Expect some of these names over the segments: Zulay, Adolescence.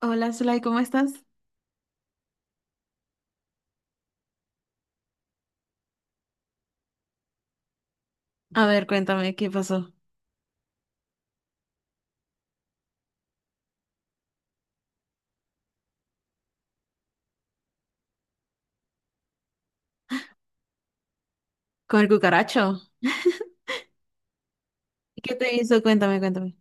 Hola, Zulay, ¿cómo estás? A ver, cuéntame, ¿qué pasó con el cucaracho? ¿Qué te hizo? Cuéntame, cuéntame.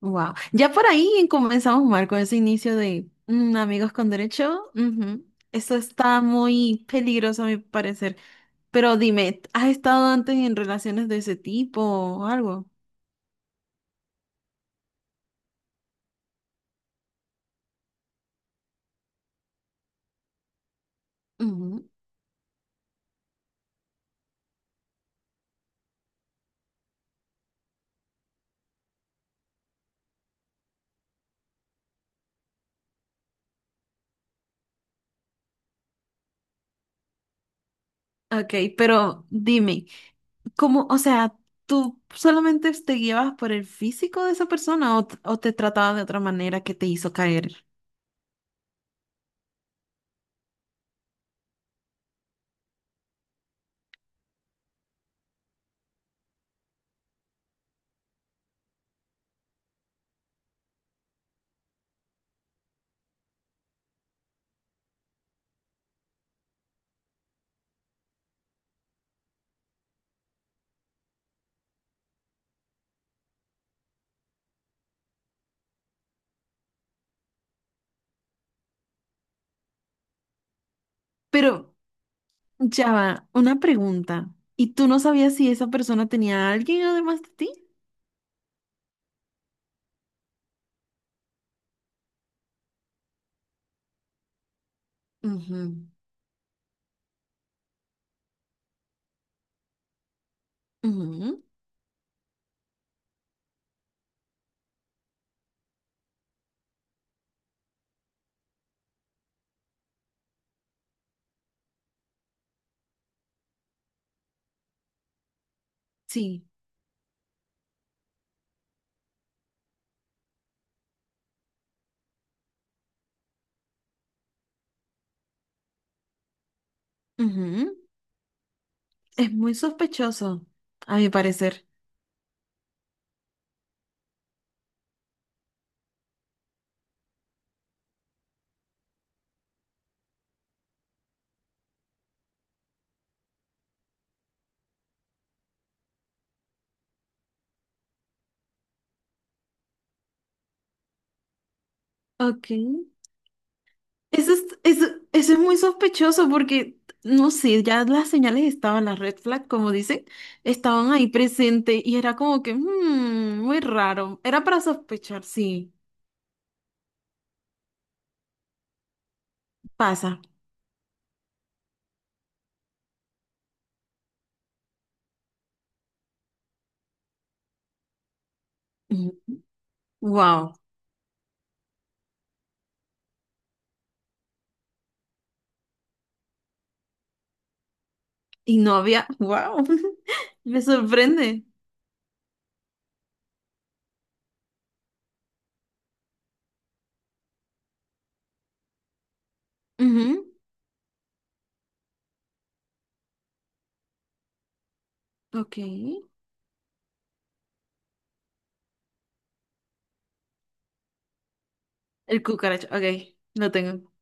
Wow. Ya por ahí comenzamos mal con ese inicio de amigos con derecho. Ujú. Eso está muy peligroso a mi parecer. Pero dime, ¿has estado antes en relaciones de ese tipo o algo? Ok, pero dime, ¿cómo, o sea, tú solamente te guiabas por el físico de esa persona o, o te trataba de otra manera que te hizo caer? Pero ya va, una pregunta. ¿Y tú no sabías si esa persona tenía a alguien además de ti? Ujú, ujú, sí, ujú. Es muy sospechoso, a mi parecer. Ok. Eso es, eso, Eso es muy sospechoso porque, no sé, ya las señales estaban, las red flag, como dicen, estaban ahí presentes y era como que, muy raro. Era para sospechar", sí, pasa. Wow. Y no había, wow. Me sorprende. Ujú, ok. El cucaracho, ok, lo tengo.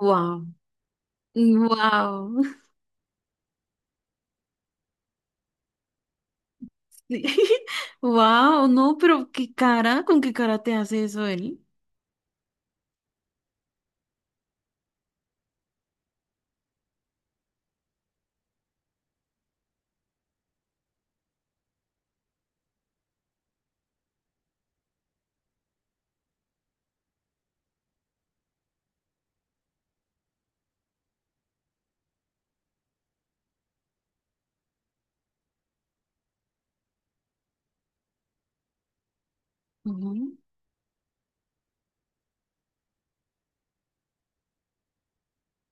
Wow. Wow. Sí. Wow, no, pero qué cara, ¿con qué cara te hace eso él?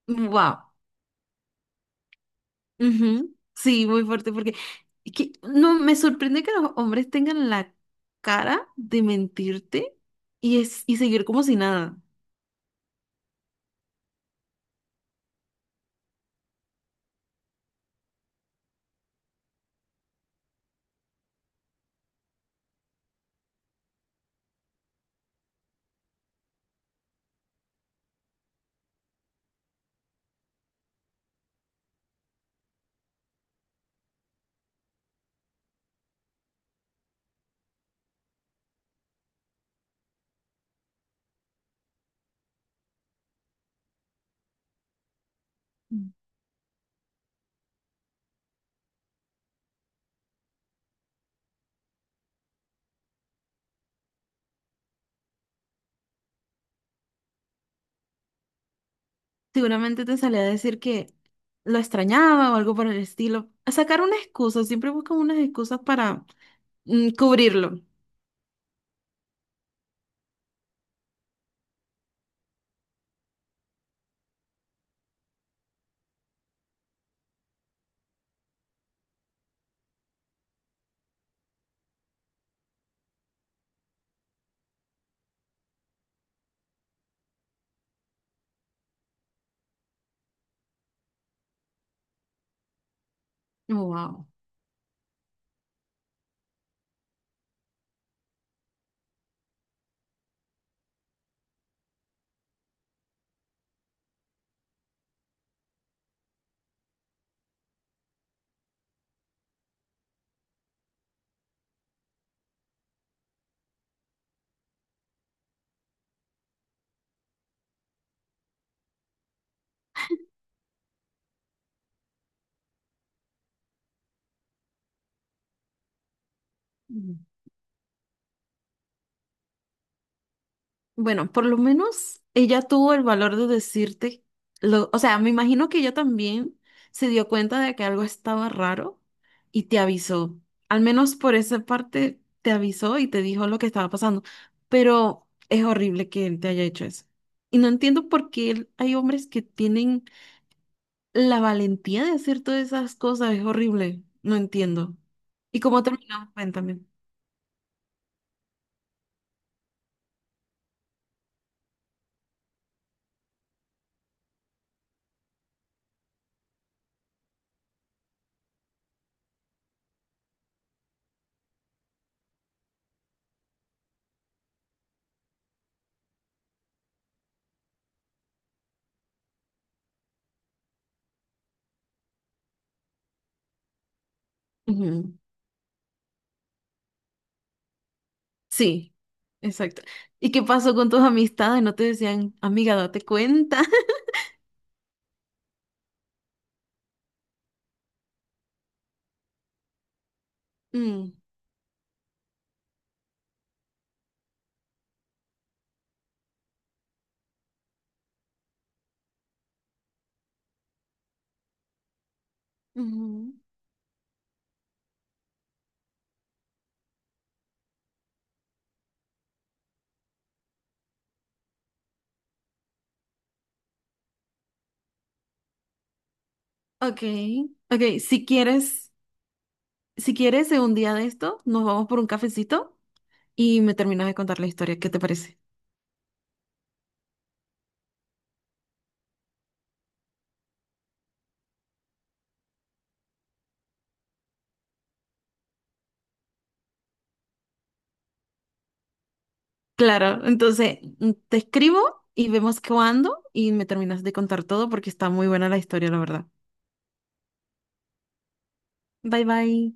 Wow. Ujú, sí, muy fuerte, porque es que no me sorprende que los hombres tengan la cara de mentirte y, es, y seguir como si nada. Mm. Seguramente te salía a decir que lo extrañaba o algo por el estilo. A sacar una excusa, siempre buscan unas excusas para cubrirlo. Wow. Bueno, por lo menos ella tuvo el valor de decirte, lo, o sea, me imagino que ella también se dio cuenta de que algo estaba raro y te avisó. Al menos por esa parte te avisó y te dijo lo que estaba pasando. Pero es horrible que él te haya hecho eso. Y no entiendo por qué hay hombres que tienen la valentía de hacer todas esas cosas. Es horrible. No entiendo. ¿Y cómo terminó? Cuéntame. Sí, exacto. ¿Y qué pasó con tus amistades? ¿No te decían, amiga, date cuenta? Mm, ujú. Ok, ok, si quieres, si quieres, en un día de esto, nos vamos por un cafecito y me terminas de contar la historia, ¿qué te parece? Claro, entonces te escribo y vemos cuándo y me terminas de contar todo porque está muy buena la historia, la verdad. Bye bye.